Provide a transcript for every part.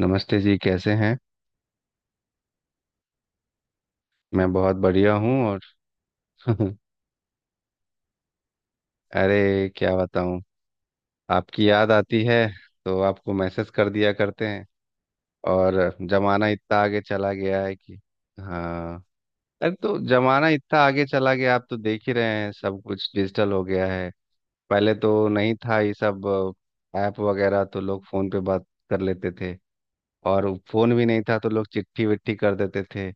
नमस्ते जी, कैसे हैं? मैं बहुत बढ़िया हूँ और अरे क्या बताऊँ, आपकी याद आती है तो आपको मैसेज कर दिया करते हैं। और जमाना इतना आगे चला गया है कि। हाँ। अरे तो जमाना इतना आगे चला गया, आप तो देख ही रहे हैं, सब कुछ डिजिटल हो गया है। पहले तो नहीं था ये सब। ऐप वगैरह तो लोग फोन पे बात कर लेते थे। और फोन भी नहीं था तो लोग चिट्ठी विट्ठी कर देते थे।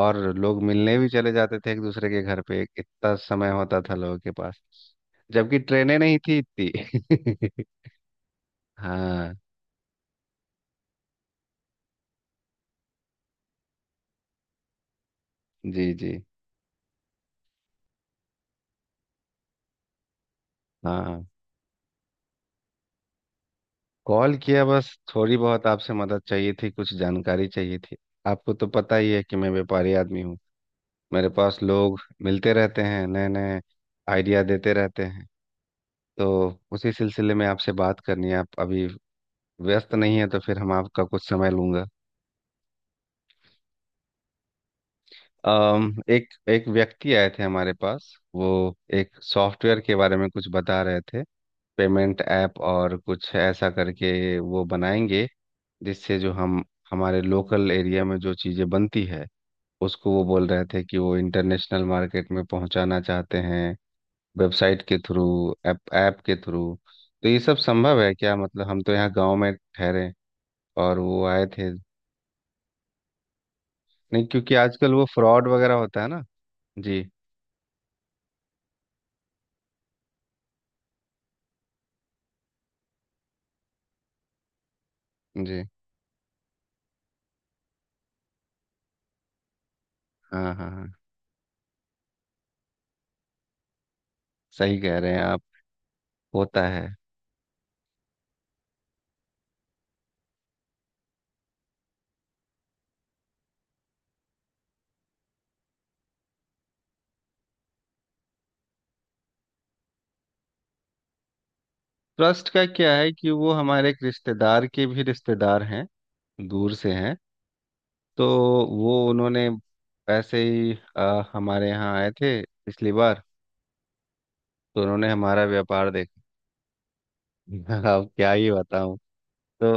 और लोग मिलने भी चले जाते थे एक दूसरे के घर पे, इतना समय होता था लोगों के पास। जबकि ट्रेनें नहीं थी इतनी। हाँ। जी जी। हाँ, कॉल किया बस। थोड़ी बहुत आपसे मदद चाहिए थी, कुछ जानकारी चाहिए थी। आपको तो पता ही है कि मैं व्यापारी आदमी हूँ। मेरे पास लोग मिलते रहते हैं नए नए, आइडिया देते रहते हैं। तो उसी सिलसिले में आपसे बात करनी है। आप अभी व्यस्त नहीं है तो फिर हम आपका कुछ समय लूंगा। एक एक व्यक्ति आए थे हमारे पास। वो एक सॉफ्टवेयर के बारे में कुछ बता रहे थे। पेमेंट ऐप और कुछ ऐसा करके वो बनाएंगे, जिससे जो हम, हमारे लोकल एरिया में जो चीज़ें बनती है, उसको वो बोल रहे थे कि वो इंटरनेशनल मार्केट में पहुंचाना चाहते हैं। वेबसाइट के थ्रू, ऐप ऐप के थ्रू। तो ये सब संभव है क्या? मतलब हम तो यहाँ गांव में ठहरे और वो आए थे। नहीं, क्योंकि आजकल वो फ्रॉड वगैरह होता है ना। जी। जी। हाँ हाँ हाँ। सही कह रहे हैं आप। होता है। ट्रस्ट का क्या है कि वो हमारे एक रिश्तेदार के भी रिश्तेदार हैं, दूर से हैं। तो वो उन्होंने ऐसे ही हमारे यहाँ आए थे पिछली बार। तो उन्होंने हमारा व्यापार देखा। अब क्या ही बताऊं। तो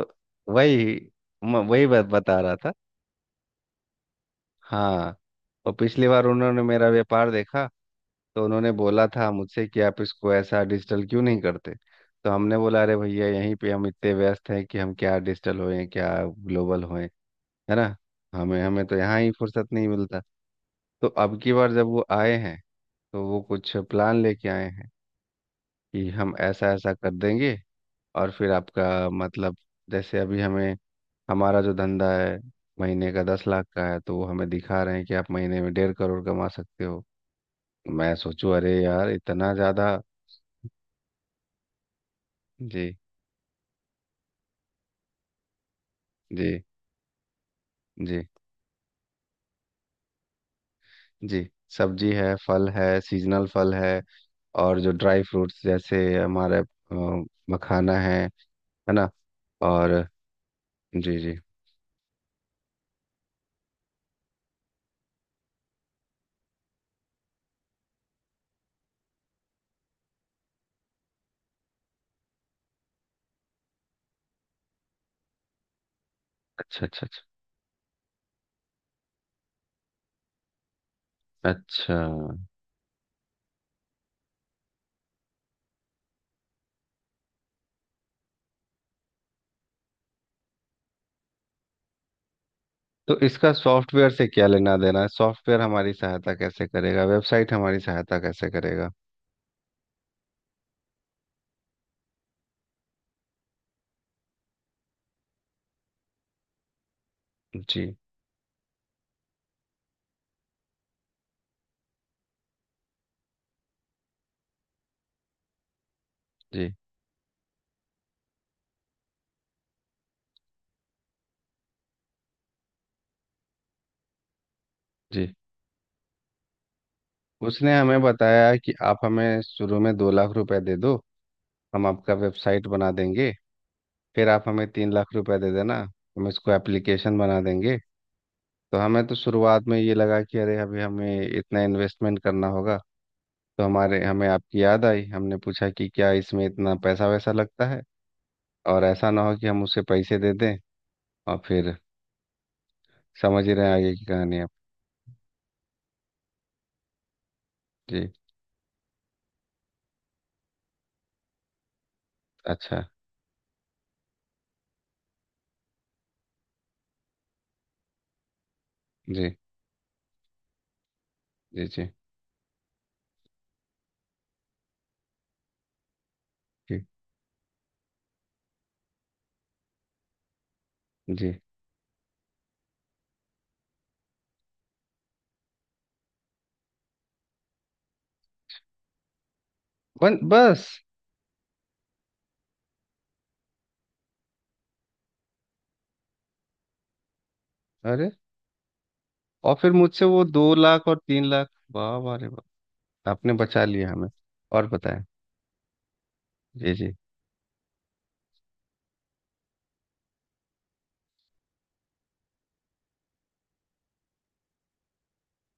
वही, वही बात बता रहा था। हाँ। और पिछली बार उन्होंने मेरा व्यापार देखा, तो उन्होंने बोला था मुझसे कि आप इसको ऐसा डिजिटल क्यों नहीं करते। तो हमने बोला अरे भैया यहीं पे हम इतने व्यस्त हैं कि हम क्या डिजिटल होएं, क्या ग्लोबल होएं, है ना। हमें हमें तो यहाँ ही फुर्सत नहीं मिलता। तो अब की बार जब वो आए हैं, तो वो कुछ प्लान लेके आए हैं कि हम ऐसा ऐसा कर देंगे। और फिर आपका मतलब, जैसे अभी हमें, हमारा जो धंधा है महीने का 10 लाख का है, तो वो हमें दिखा रहे हैं कि आप महीने में 1.5 करोड़ कमा सकते हो। तो मैं सोचूं अरे यार इतना ज़्यादा। जी। जी जी। जी। सब्जी है, फल है, सीजनल फल है। और जो ड्राई फ्रूट्स जैसे हमारे मखाना है ना। और जी जी। अच्छा अच्छा अच्छा। अच्छा तो इसका सॉफ्टवेयर से क्या लेना देना है? सॉफ्टवेयर हमारी सहायता कैसे करेगा? वेबसाइट हमारी सहायता कैसे करेगा? जी। जी। जी। उसने हमें बताया कि आप हमें शुरू में 2 लाख रुपए दे दो, हम आपका वेबसाइट बना देंगे। फिर आप हमें 3 लाख रुपए दे देना, हम इसको एप्लीकेशन बना देंगे। तो हमें तो शुरुआत में ये लगा कि अरे अभी हमें इतना इन्वेस्टमेंट करना होगा। तो हमारे हमें आपकी याद आई। हमने पूछा कि क्या इसमें इतना पैसा वैसा लगता है, और ऐसा ना हो कि हम उसे पैसे दे दें, और फिर समझ ही रहे हैं आगे की कहानी आप। जी। अच्छा। जी जी। जी जी। जी। बन बस अरे, और फिर मुझसे वो 2 लाख और 3 लाख! वाह वाह रे वाह! आपने बचा लिया हमें। और बताया। जी जी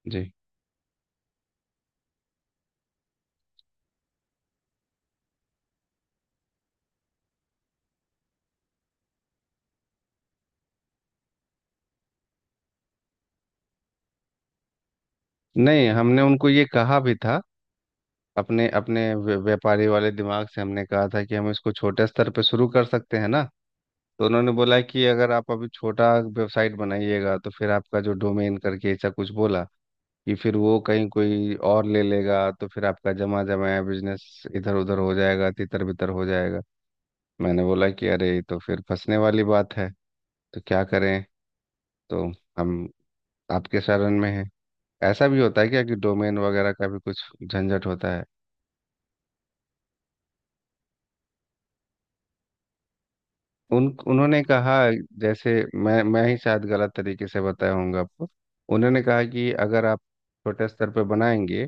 जी। नहीं, हमने उनको ये कहा भी था, अपने अपने व्यापारी वाले दिमाग से हमने कहा था कि हम इसको छोटे स्तर पे शुरू कर सकते हैं ना। तो उन्होंने बोला कि अगर आप अभी छोटा वेबसाइट बनाइएगा तो फिर आपका जो डोमेन करके ऐसा कुछ बोला, कि फिर वो कहीं कोई और ले लेगा तो फिर आपका जमा जमाया बिजनेस इधर उधर हो जाएगा, तितर बितर हो जाएगा। मैंने बोला कि अरे ये तो फिर फंसने वाली बात है। तो क्या करें। तो हम आपके शरण में हैं। ऐसा भी होता है क्या कि डोमेन वगैरह का भी कुछ झंझट होता है? उन, उन्होंने कहा, जैसे, मैं ही शायद गलत तरीके से बताया होऊंगा आपको। उन्होंने कहा कि अगर आप छोटे स्तर पे बनाएंगे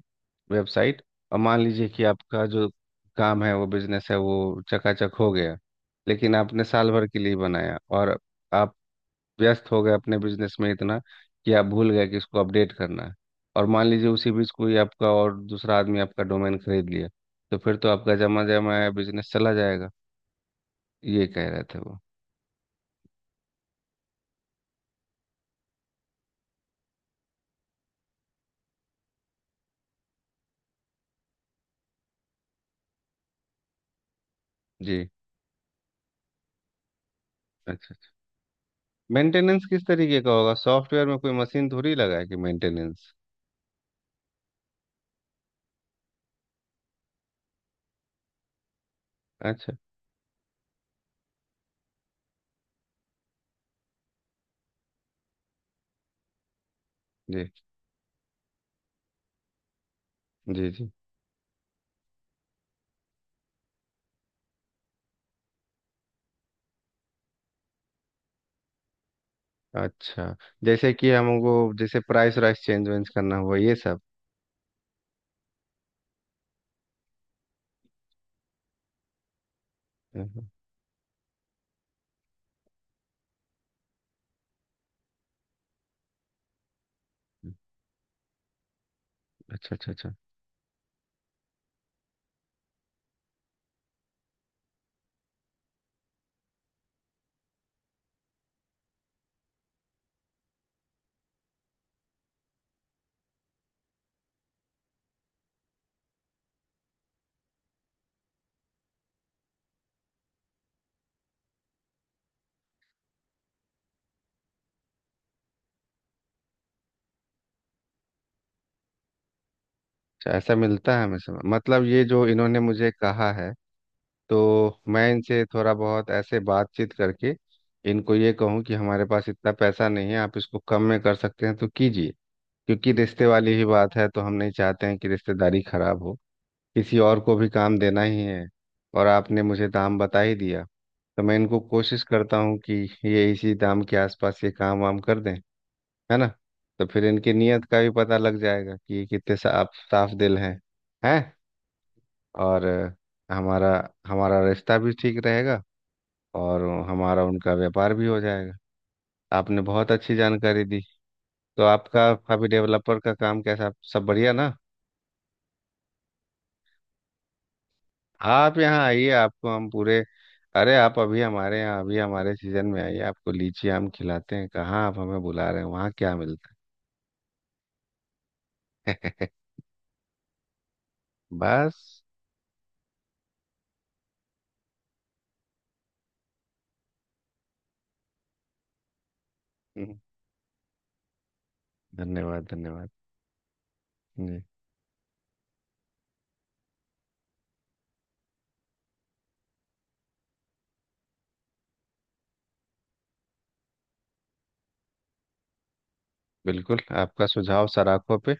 वेबसाइट, और मान लीजिए कि आपका जो काम है, वो बिजनेस है वो चकाचक हो गया, लेकिन आपने साल भर के लिए बनाया, और आप व्यस्त हो गए अपने बिजनेस में इतना कि आप भूल गए कि इसको अपडेट करना है। और मान लीजिए उसी बीच कोई आपका और दूसरा आदमी आपका डोमेन खरीद लिया, तो फिर तो आपका जमा जमा बिजनेस चला जाएगा, ये कह रहे थे वो। जी। अच्छा। मेंटेनेंस किस तरीके का होगा? सॉफ्टवेयर में कोई मशीन थोड़ी लगा है कि मेंटेनेंस। अच्छा। जी जी जी। अच्छा। जैसे कि हमको, जैसे प्राइस वाइस चेंज वेंज करना हुआ ये सब। हम्म। हम्म। अच्छा अच्छा अच्छा। अच्छा, ऐसा मिलता है हमें, समझ, मतलब ये जो इन्होंने मुझे कहा है, तो मैं इनसे थोड़ा बहुत ऐसे बातचीत करके इनको ये कहूँ कि हमारे पास इतना पैसा नहीं है, आप इसको कम में कर सकते हैं तो कीजिए। क्योंकि रिश्ते वाली ही बात है, तो हम नहीं चाहते हैं कि रिश्तेदारी खराब हो। किसी और को भी काम देना ही है। और आपने मुझे दाम बता ही दिया, तो मैं इनको कोशिश करता हूँ कि ये इसी दाम के आसपास ये काम वाम कर दें, है ना। तो फिर इनकी नीयत का भी पता लग जाएगा कि ये कितने साफ साफ दिल हैं। हैं। और हमारा, हमारा रिश्ता भी ठीक रहेगा, और हमारा उनका व्यापार भी हो जाएगा। आपने बहुत अच्छी जानकारी दी। तो आपका अभी डेवलपर का काम कैसा, सब बढ़िया ना। आप यहाँ आइए, आपको हम पूरे। अरे आप अभी हमारे यहाँ, अभी हमारे सीजन में आइए, आपको लीची आम खिलाते हैं। कहाँ आप हमें बुला रहे हैं, वहाँ क्या मिलता है। बस। हम्म, धन्यवाद धन्यवाद। जी। बिल्कुल, आपका सुझाव सराखों पे।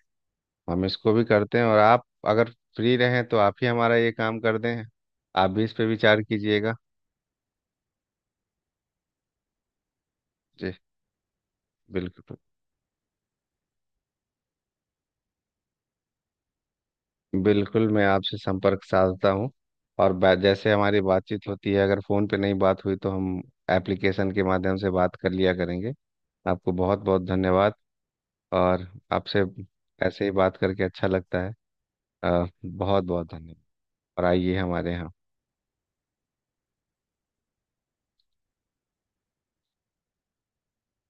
हम इसको भी करते हैं, और आप अगर फ्री रहें तो आप ही हमारा ये काम कर दें, आप भी इस पे विचार कीजिएगा। जी। बिल्कुल। बिल्कुल मैं आपसे संपर्क साधता हूँ। और जैसे हमारी बातचीत होती है, अगर फ़ोन पे नहीं बात हुई तो हम एप्लीकेशन के माध्यम से बात कर लिया करेंगे। आपको बहुत बहुत धन्यवाद। और आपसे ऐसे ही बात करके अच्छा लगता है। बहुत बहुत धन्यवाद। और आइए हमारे यहाँ।